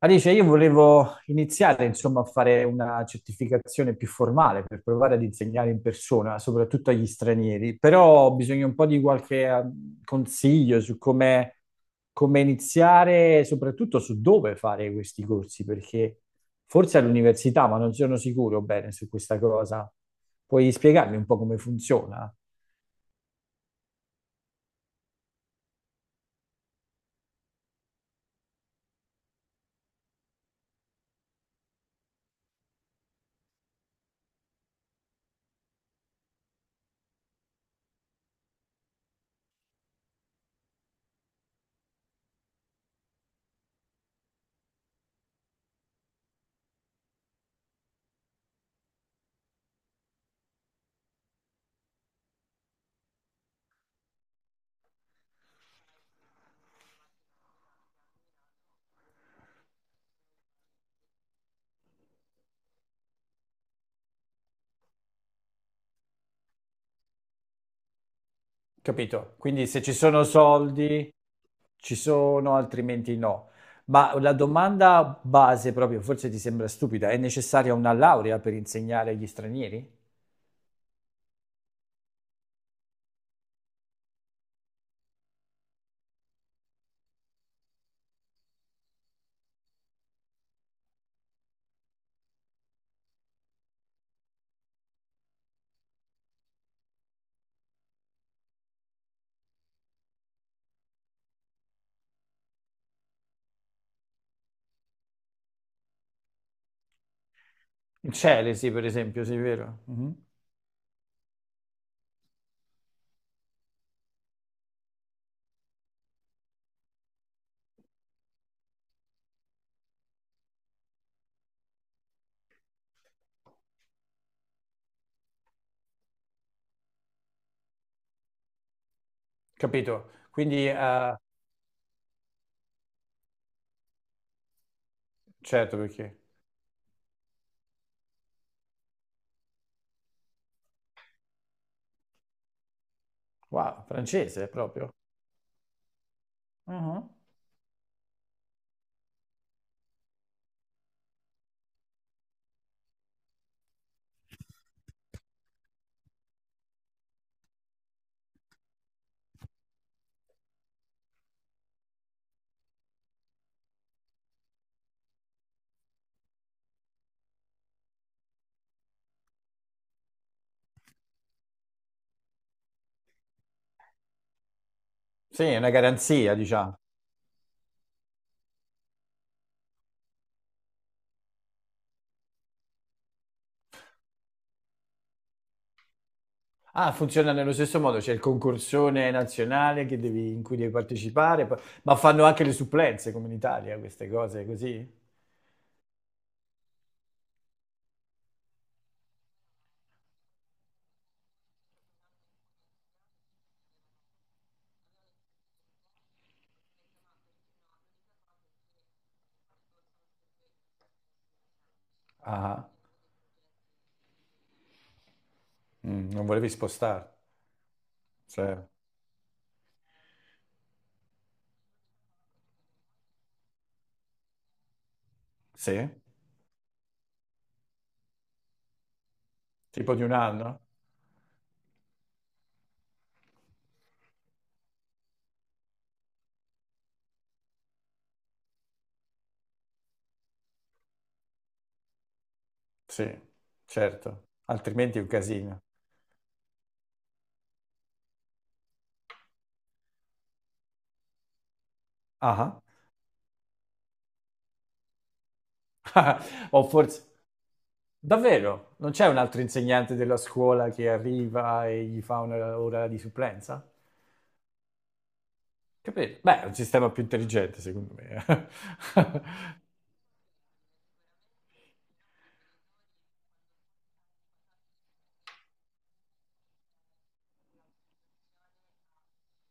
Alice, io volevo iniziare, insomma, a fare una certificazione più formale per provare ad insegnare in persona, soprattutto agli stranieri, però ho bisogno un po' di qualche consiglio su come iniziare, e soprattutto su dove fare questi corsi, perché forse all'università, ma non sono sicuro bene su questa cosa. Puoi spiegarmi un po' come funziona? Capito? Quindi se ci sono soldi, ci sono, altrimenti no. Ma la domanda base proprio, forse ti sembra stupida, è necessaria una laurea per insegnare agli stranieri? In Celesi, per esempio, sì, vero? Mhm. Capito? Quindi, certo, perché. Wow, francese proprio. Mhm. Sì, è una garanzia, diciamo. Ah, funziona nello stesso modo, c'è il concorsone nazionale che in cui devi partecipare, ma fanno anche le supplenze come in Italia, queste cose così? Ah, non volevi spostare. Cioè. Sì, tipo di un anno? Sì, certo, altrimenti è un casino. Ah, ah. O forse. Davvero? Non c'è un altro insegnante della scuola che arriva e gli fa un'ora di supplenza? Capito? Beh, è un sistema più intelligente, secondo me.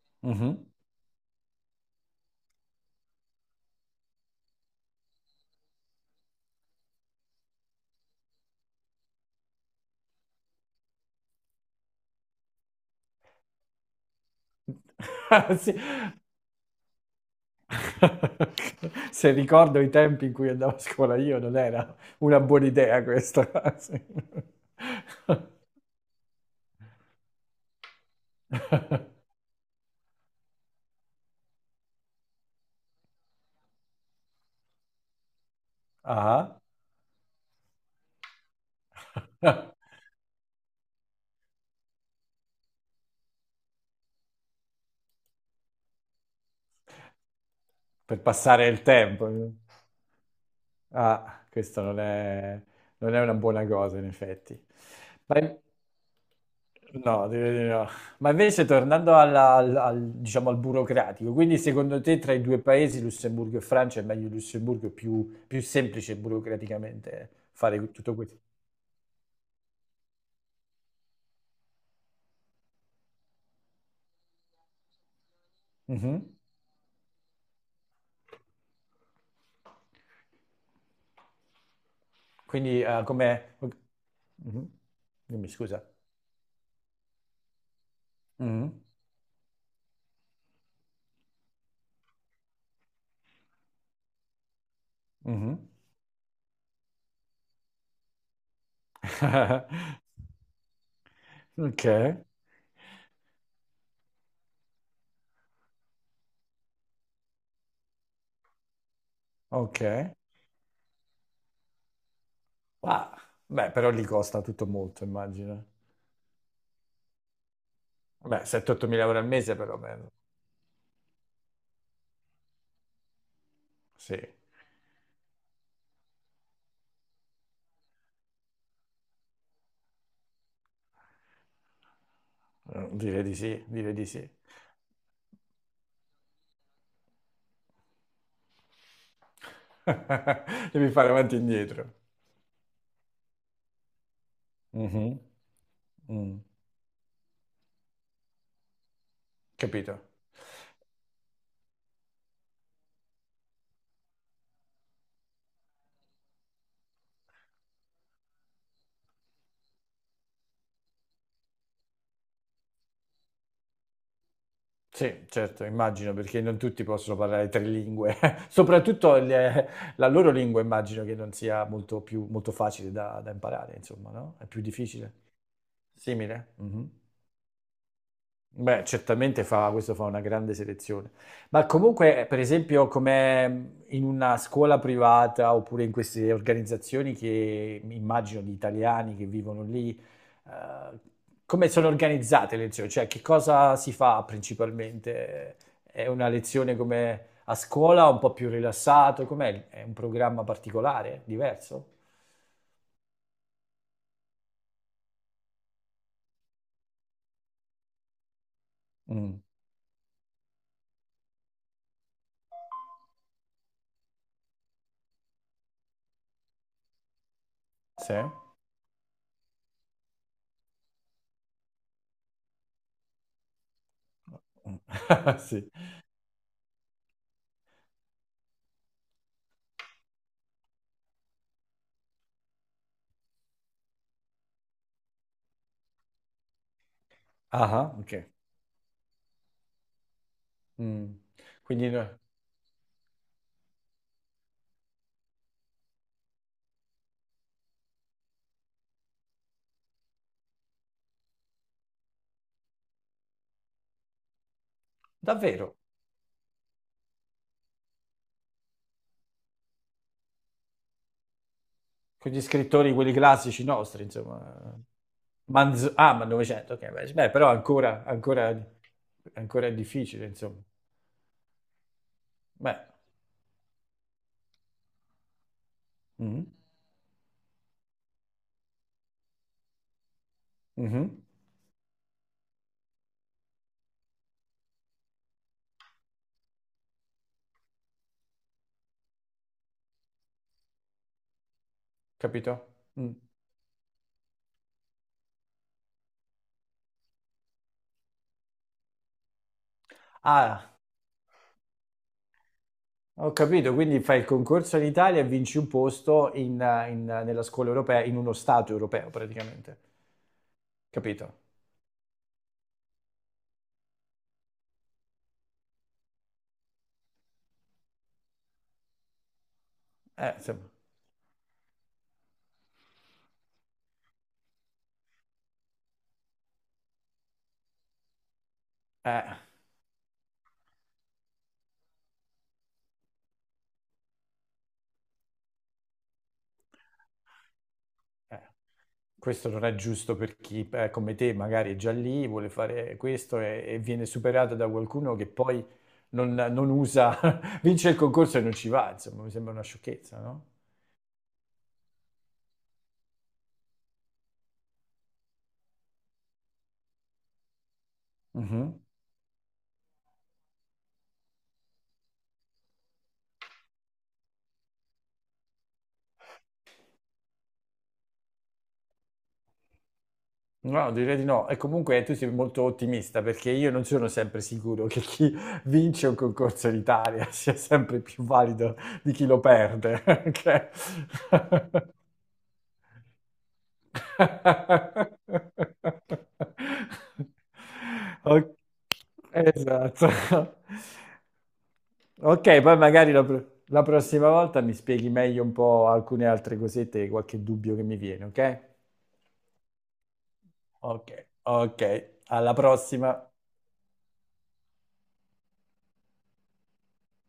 Mhm. Sì. Se ricordo i tempi in cui andavo a scuola io, non era una buona idea questa. Sì. Ah. Per passare il tempo. Ah, questa non è una buona cosa, in effetti. Ma no, direi di no. Ma invece, tornando diciamo, al burocratico, quindi secondo te tra i due paesi, Lussemburgo e Francia, è meglio Lussemburgo, è più semplice burocraticamente fare tutto questo? Mhm. Quindi, come. Mhm. Dimmi, scusa. Mhm. Mhm. Ok, ok. Ah, beh, però lì costa tutto molto, immagino. Beh, 7-8 mila euro al mese però, beh, sì. Direi di sì, direi di sì. Devi fare avanti e indietro. Mhm, mm. Capito? Sì, certo, immagino, perché non tutti possono parlare tre lingue. Soprattutto la loro lingua immagino che non sia molto più, molto facile da imparare, insomma, no? È più difficile. Simile? Mhm. Beh, certamente questo fa una grande selezione. Ma comunque, per esempio, come in una scuola privata oppure in queste organizzazioni che immagino di italiani che vivono lì, eh, come sono organizzate le lezioni? Cioè, che cosa si fa principalmente? È una lezione come a scuola, un po' più rilassato? Com'è? È un programma particolare, diverso? Mm. Sì? Mm. Sì. Ah, ah, ok. Mm. Quindi, davvero? Con gli scrittori, quelli classici nostri, insomma. Ah, ma 900, ok, beh, però ancora è difficile, insomma. Beh, mhm, mhm, capito? Mm. Ah, ho capito, quindi fai il concorso in Italia e vinci un posto nella scuola europea, in uno stato europeo praticamente, capito? Insomma, eh. Eh, Questo non è giusto per chi, come te, magari è già lì, vuole fare questo e viene superato da qualcuno che poi non usa, vince il concorso e non ci va, insomma, mi sembra una sciocchezza, no? Mhm. No, direi di no. E comunque tu sei molto ottimista perché io non sono sempre sicuro che chi vince un concorso in Italia sia sempre più valido di chi lo perde. Ok? Ok, esatto. Ok, poi magari la prossima volta mi spieghi meglio un po' alcune altre cosette, qualche dubbio che mi viene, ok? Ok, ok, alla prossima.